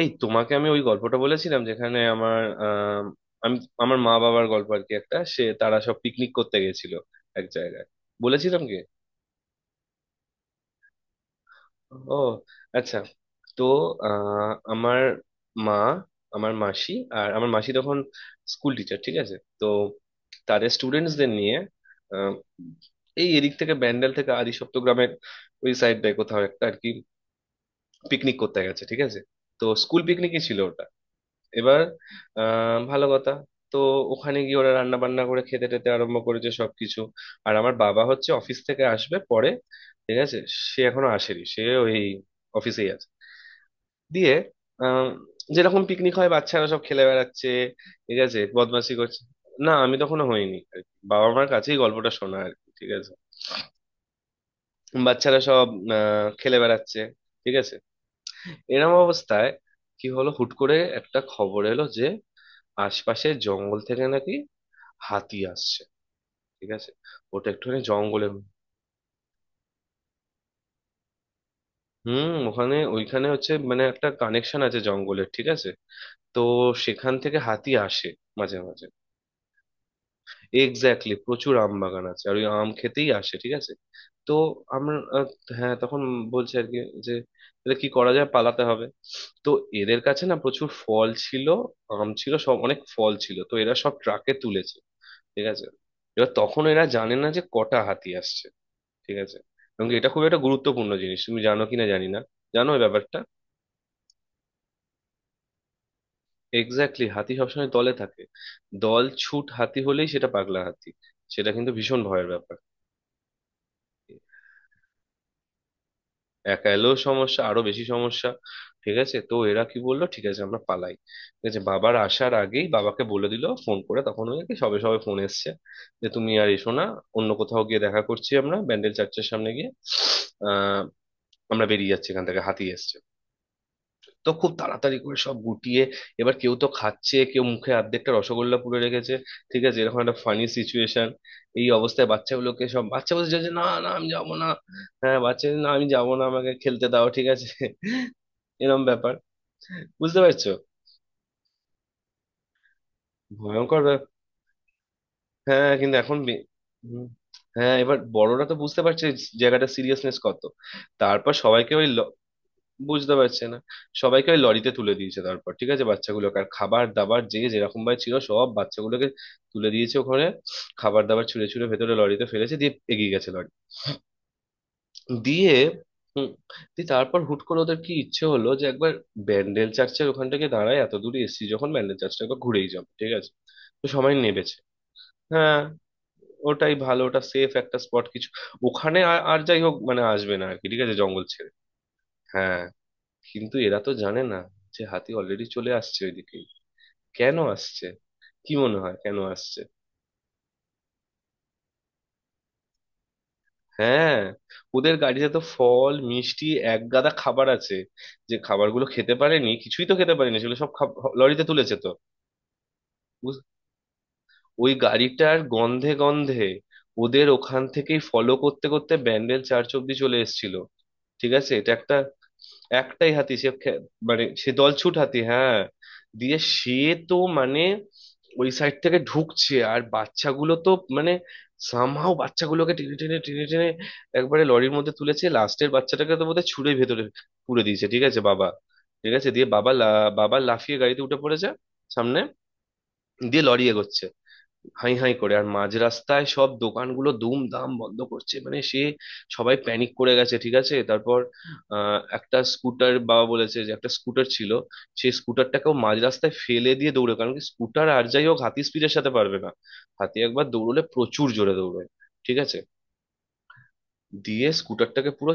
এই তোমাকে আমি ওই গল্পটা বলেছিলাম, যেখানে আমার আমি আমার মা বাবার গল্প আর কি, একটা সে তারা সব পিকনিক করতে গেছিল এক জায়গায়। বলেছিলাম কি? ও, আচ্ছা। তো আমার মা, আমার মাসি, আর আমার মাসি তখন স্কুল টিচার, ঠিক আছে। তো তাদের স্টুডেন্টসদের নিয়ে আহ, এই এদিক থেকে ব্যান্ডেল থেকে আদিসপ্ত গ্রামের ওই সাইডটায় কোথাও একটা আর কি, পিকনিক করতে গেছে, ঠিক আছে। তো স্কুল পিকনিকই ছিল ওটা। এবার ভালো কথা, তো ওখানে গিয়ে ওরা রান্না বান্না করে খেতে টেতে আরম্ভ করেছে সবকিছু। আর আমার বাবা হচ্ছে অফিস থেকে আসবে পরে, ঠিক আছে। সে এখনো আসেনি, সে ওই অফিসেই আছে। দিয়ে আহ যেরকম পিকনিক হয় বাচ্চারা সব খেলে বেড়াচ্ছে, ঠিক আছে, বদমাশি করছে। না, আমি তখনো হইনি আর কি। বাবা মার কাছেই গল্পটা শোনা আর কি, ঠিক আছে। বাচ্চারা সব খেলে বেড়াচ্ছে, ঠিক আছে। এরম অবস্থায় কি হলো, হুট করে একটা খবর এলো যে আশপাশের জঙ্গল থেকে নাকি হাতি আসছে, ঠিক আছে। ওটা একটুখানি জঙ্গলের। হুম, ওখানে ওইখানে হচ্ছে মানে একটা কানেকশন আছে জঙ্গলের, ঠিক আছে। তো সেখান থেকে হাতি আসে মাঝে মাঝে। এক্স্যাক্টলি, প্রচুর আম বাগান আছে, আর ওই আম খেতেই আসে, ঠিক আছে। তো আমরা হ্যাঁ, তখন বলছে আর কি যে তাহলে কি করা যায়, পালাতে হবে। তো এদের কাছে না প্রচুর ফল ছিল, আম ছিল, সব অনেক ফল ছিল, তো এরা সব ট্রাকে তুলেছে, ঠিক আছে। এবার তখন এরা জানে না যে কটা হাতি আসছে, ঠিক আছে। এবং কি এটা খুব একটা গুরুত্বপূর্ণ জিনিস, তুমি জানো কিনা জানি না, জানো এই ব্যাপারটা? এক্স্যাক্টলি, হাতি সবসময় দলে থাকে। দল ছুট হাতি হলেই সেটা পাগলা হাতি, সেটা কিন্তু ভীষণ ভয়ের ব্যাপার। একা এলেও সমস্যা, আরো বেশি সমস্যা, ঠিক আছে। তো এরা কি বললো, ঠিক আছে আমরা পালাই। ঠিক আছে, বাবার আসার আগেই বাবাকে বলে দিল, ফোন করে তখন ওই আর কি সবে সবে ফোন এসছে যে তুমি আর এসো না, অন্য কোথাও গিয়ে দেখা করছি আমরা ব্যান্ডেল চার্চের সামনে গিয়ে। আহ আমরা বেরিয়ে যাচ্ছি এখান থেকে, হাতি এসছে। তো খুব তাড়াতাড়ি করে সব গুটিয়ে, এবার কেউ তো খাচ্ছে, কেউ মুখে অর্ধেকটা রসগোল্লা পুরে রেখেছে, ঠিক আছে, এরকম একটা ফানি সিচুয়েশন। এই অবস্থায় বাচ্চাগুলোকে সব বাচ্চা বলছে যে, না না আমি যাবো না। হ্যাঁ, বাচ্চা বলছে, না আমি যাবো না, আমাকে খেলতে দাও, ঠিক আছে, এরম ব্যাপার, বুঝতে পারছো? ভয়ঙ্কর ব্যাপার, হ্যাঁ। কিন্তু এখন হুম। হ্যাঁ, এবার বড়রা তো বুঝতে পারছে জায়গাটা সিরিয়াসনেস কত। তারপর সবাইকে ওই, বুঝতে পারছে না, সবাইকে ওই লরিতে তুলে দিয়েছে তারপর, ঠিক আছে, বাচ্চাগুলোকে আর খাবার দাবার যে যেরকম ভাবে ছিল সব বাচ্চাগুলোকে তুলে দিয়েছে ওখানে। খাবার দাবার ছুঁড়ে ছুঁড়ে ভেতরে লরিতে ফেলেছে, দিয়ে এগিয়ে গেছে লরি। দিয়ে, হুম, দিয়ে তারপর হুট করে ওদের কি ইচ্ছে হলো যে একবার ব্যান্ডেল চার্চের ওখান থেকে দাঁড়ায়, এত দূরে এসেছি যখন ব্যান্ডেল চার্চটা একবার ঘুরেই যাবো, ঠিক আছে। তো সবাই নেবেছে। হ্যাঁ, ওটাই ভালো, ওটা সেফ একটা স্পট কিছু ওখানে। আর আর যাই হোক মানে আসবে না আর কি, ঠিক আছে, জঙ্গল ছেড়ে। হ্যাঁ, কিন্তু এরা তো জানে না যে হাতি অলরেডি চলে আসছে ওইদিকে। কেন আসছে? কি মনে হয় কেন আসছে? হ্যাঁ, ওদের গাড়িতে তো ফল, মিষ্টি, এক গাদা খাবার আছে। যে খাবারগুলো খেতে পারেনি, কিছুই তো খেতে পারেনি, সেগুলো সব লরিতে তুলেছে তো। বুঝ- ওই গাড়িটার গন্ধে গন্ধে, ওদের ওখান থেকেই ফলো করতে করতে ব্যান্ডেল চার্চ অব্দি চলে এসেছিল, ঠিক আছে, এটা একটা। একটাই হাতি, সে মানে সে দলছুট হাতি, হ্যাঁ। দিয়ে সে তো মানে ওই সাইড থেকে ঢুকছে, আর বাচ্চাগুলো তো মানে সামহাও বাচ্চাগুলোকে টেনে টেনে টেনে টেনে একবারে লরির মধ্যে তুলেছে, লাস্টের বাচ্চাটাকে তো বোধহয় ছুঁড়ে ভেতরে পুরে দিয়েছে, ঠিক আছে বাবা। ঠিক আছে, দিয়ে বাবা লাফিয়ে গাড়িতে উঠে পড়েছে সামনে। দিয়ে লরি এগোচ্ছে হাই হাই করে, আর মাঝ রাস্তায় সব দোকানগুলো দুমদাম বন্ধ করছে মানে সে, সবাই প্যানিক করে গেছে, ঠিক আছে, তারপর। একটা স্কুটার বাবা বলেছে যে একটা স্কুটার ছিল, সেই স্কুটারটাকেও মাঝ রাস্তায় ফেলে দিয়ে দৌড়ে, কারণ কি স্কুটার আর যাই হোক হাতি স্পিডের সাথে পারবে না। হাতি একবার দৌড়লে প্রচুর জোরে দৌড়বে, ঠিক আছে। দিয়ে স্কুটারটাকে পুরো,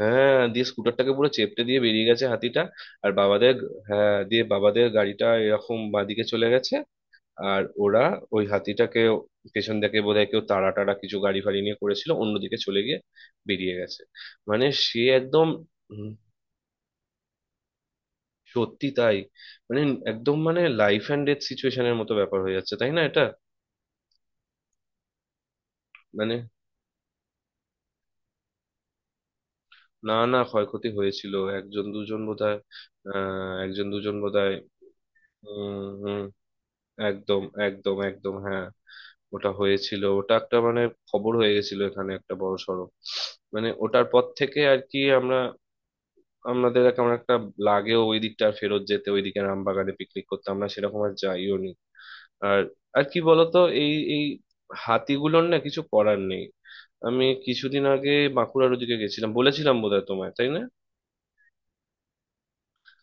হ্যাঁ, দিয়ে স্কুটারটাকে পুরো চেপটে দিয়ে বেরিয়ে গেছে হাতিটা। আর বাবাদের, হ্যাঁ, দিয়ে বাবাদের গাড়িটা এরকম বাঁদিকে চলে গেছে। আর ওরা ওই হাতিটাকে পেছন থেকে বোধহয় কেউ তাড়া টাড়া কিছু গাড়ি ফাড়ি নিয়ে করেছিল, অন্যদিকে চলে গিয়ে বেরিয়ে গেছে মানে সে একদম। উম, সত্যি তাই মানে, একদম মানে লাইফ অ্যান্ড ডেথ সিচুয়েশনের মতো ব্যাপার হয়ে যাচ্ছে, তাই না এটা মানে। না না, ক্ষয়ক্ষতি হয়েছিল একজন দুজন বোধহয়। একজন দুজন বোধহয়। উম হম। একদম, একদম, একদম হ্যাঁ। ওটা হয়েছিল, ওটা একটা মানে খবর হয়ে গেছিল এখানে একটা বড় সড়ো। মানে ওটার পর থেকে আর কি আমরা, আমাদের কেমন একটা লাগেও ওই দিকটা, আর ফেরত যেতে ওইদিকে রামবাগানে পিকনিক করতে আমরা সেরকম আর যাইও নি। আর, আর কি বলতো, এই এই হাতিগুলোর না কিছু করার নেই। আমি কিছুদিন আগে বাঁকুড়ার ওদিকে গেছিলাম, বলেছিলাম বোধহয় তোমায়, তাই না?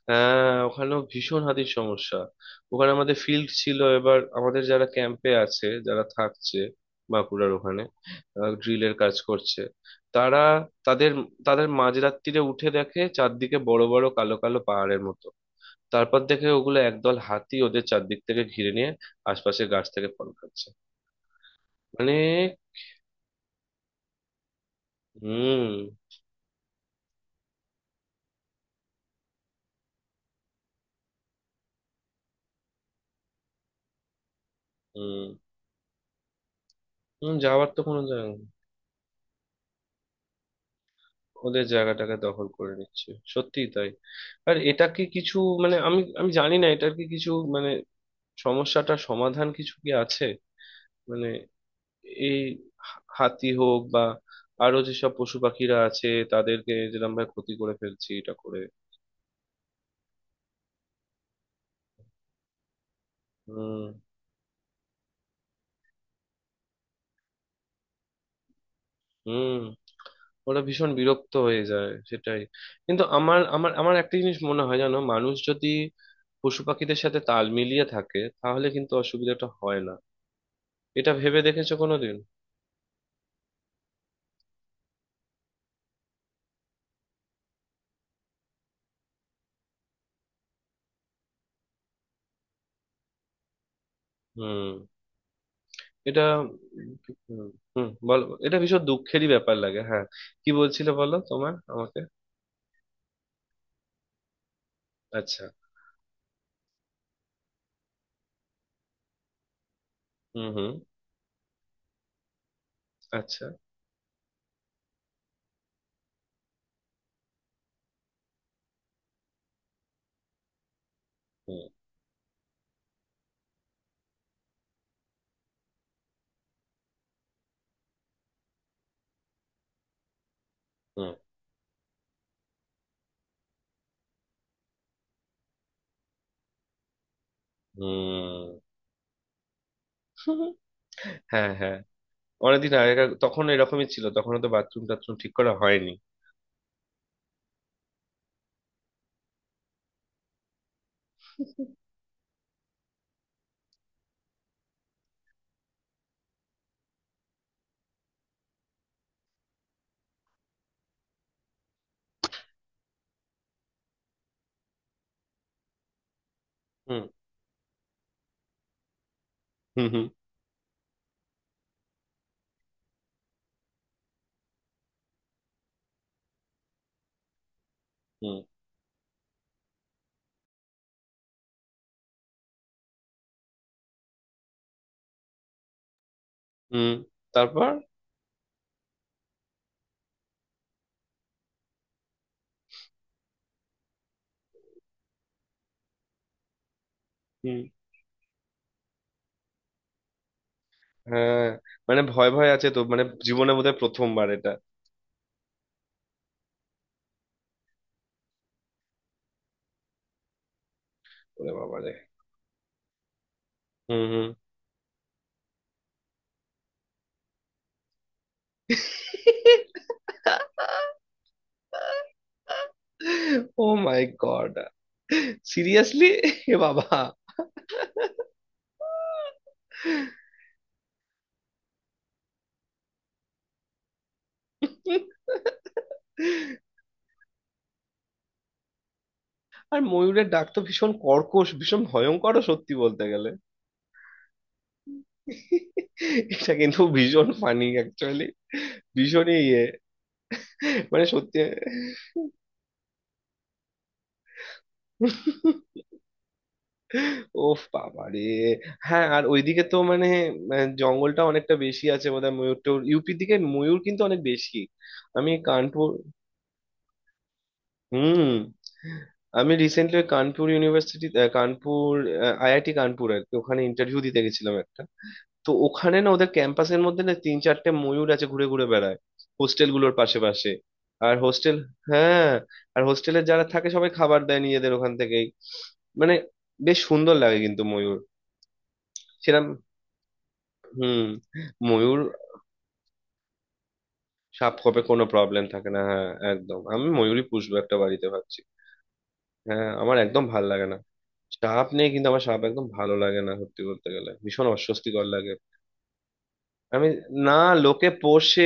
হ্যাঁ, ওখানেও ভীষণ হাতির সমস্যা। ওখানে আমাদের ফিল্ড ছিল, এবার আমাদের যারা ক্যাম্পে আছে, যারা থাকছে বাঁকুড়ার ওখানে ড্রিলের কাজ করছে, তারা, তাদের তাদের মাঝরাত্তিরে উঠে দেখে চারদিকে বড় বড় কালো কালো পাহাড়ের মতো। তারপর দেখে ওগুলো একদল হাতি ওদের চারদিক থেকে ঘিরে নিয়ে আশপাশের গাছ থেকে ফল খাচ্ছে মানে। হুম। হুম। হুম, যাওয়ার তো কোনো জায়গা নেই। ওদের জায়গাটাকে দখল করে নিচ্ছে, সত্যিই তাই। আর এটা কি কিছু মানে, আমি আমি জানি না এটার কি কিছু মানে, সমস্যাটার সমাধান কিছু কি আছে মানে, এই হাতি হোক বা আরো যেসব পশু পাখিরা আছে, তাদেরকে যেরকম ভাবে ক্ষতি করে ফেলছি এটা করে। হুম। হুম। ওরা ভীষণ বিরক্ত হয়ে যায়, সেটাই। কিন্তু আমার আমার আমার একটা জিনিস মনে হয়, জানো, মানুষ যদি পশু পাখিদের সাথে তাল মিলিয়ে থাকে তাহলে কিন্তু অসুবিধাটা হয় না। এটা ভেবে দেখেছো কোনোদিন? হুম, এটা, হুম। হুম, বলো, এটা ভীষণ দুঃখেরই ব্যাপার লাগে, হ্যাঁ। কি বলছিলে বলো তোমার আমাকে? আচ্ছা। হুম, হুম। আচ্ছা। হুম, হুম, হুম। হ্যাঁ, হ্যাঁ, অনেকদিন আগে তখন এরকমই ছিল, তখন তো বাথরুম টাথরুম ঠিক করা হয়নি। হুম, হুম, হুম। হুম। হুম, তারপর। হুম। হ্যাঁ, মানে ভয় ভয় আছে তো, মানে জীবনে বোধহয় প্রথমবার এটা। ওরে বাবা রে। হুম। হুম। ও মাই গড, সিরিয়াসলি, এ বাবা। আর ময়ূরের ডাক তো ভীষণ কর্কশ, ভীষণ ভয়ঙ্করও সত্যি বলতে গেলে। এটা কিন্তু ভীষণ ফানি অ্যাকচুয়ালি, ভীষণই ইয়ে মানে, সত্যি। ওফ বাবা রে। হ্যাঁ, আর ওইদিকে তো মানে জঙ্গলটা অনেকটা বেশি আছে বোধহয়, ময়ূর টয়ূর ইউপির দিকে ময়ূর কিন্তু অনেক বেশি। আমি কানপুর, হুম। আমি recently Kanpur university, Kanpur IIT Kanpur আর কি, ওখানে ইন্টারভিউ দিতে গেছিলাম একটা। তো ওখানে না ওদের ক্যাম্পাসের মধ্যে না তিন চারটে ময়ূর আছে ঘুরে ঘুরে বেড়ায়, হোস্টেল গুলোর পাশে পাশে। আর হোস্টেল, হ্যাঁ, আর হোস্টেলে যারা থাকে সবাই খাবার দেয় নিজেদের ওখান থেকেই মানে, বেশ সুন্দর লাগে কিন্তু ময়ূর, সেরকম, হুম, ময়ূর। সাপ খপে কোনো প্রবলেম থাকে না, হ্যাঁ, একদম। আমি ময়ূরই পুষবো একটা বাড়িতে ভাবছি। হ্যাঁ, আমার একদম ভাল লাগে না সাপ নিয়ে, কিন্তু আমার সাপ একদম ভালো লাগে না সত্যি বলতে গেলে, ভীষণ অস্বস্তিকর লাগে। আমি। না, লোকে পোষে।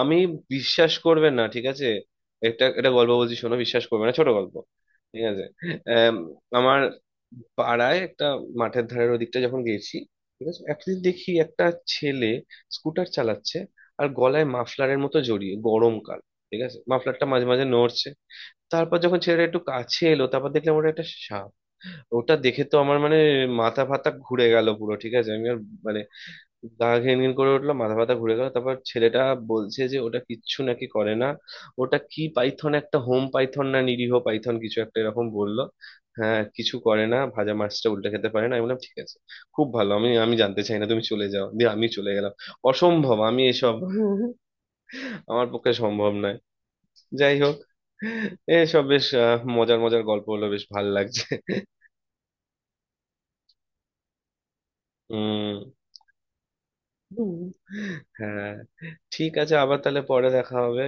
আমি, বিশ্বাস করবে না, ঠিক আছে, একটা একটা গল্প বলছি শোনো, বিশ্বাস করবে না, ছোট গল্প, ঠিক আছে। আম, আমার পাড়ায় একটা মাঠের ধারের ওদিকটা যখন গেছি, ঠিক আছে। একদিন দেখি একটা ছেলে স্কুটার চালাচ্ছে, আর গলায় মাফলারের মতো জড়িয়ে গরমকাল, ঠিক আছে, মাফলারটা মাঝে মাঝে নড়ছে। তারপর যখন ছেলেটা একটু কাছে এলো, তারপর দেখলাম ওটা একটা সাপ। ওটা দেখে তো আমার মানে মাথা ফাতা ঘুরে গেল পুরো, ঠিক আছে, আমি আর মানে গা ঘিন ঘিন করে উঠলো, মাথা ফাতা ঘুরে গেল। তারপর ছেলেটা বলছে যে ওটা কিচ্ছু নাকি করে না, ওটা কি পাইথন, একটা হোম পাইথন, না নিরীহ পাইথন কিছু একটা এরকম বললো। হ্যাঁ, কিছু করে না, ভাজা মাছটা উল্টে খেতে পারে না। আমি বললাম ঠিক আছে, খুব ভালো, আমি আমি জানতে চাই না, তুমি চলে যাও। দিয়ে আমি চলে গেলাম। অসম্ভব, আমি এসব, আমার পক্ষে সম্ভব নয়। যাই হোক, এসব বেশ মজার মজার গল্প হলো, বেশ ভালো লাগছে। উম হুম। হ্যাঁ, ঠিক আছে, আবার তাহলে পরে দেখা হবে।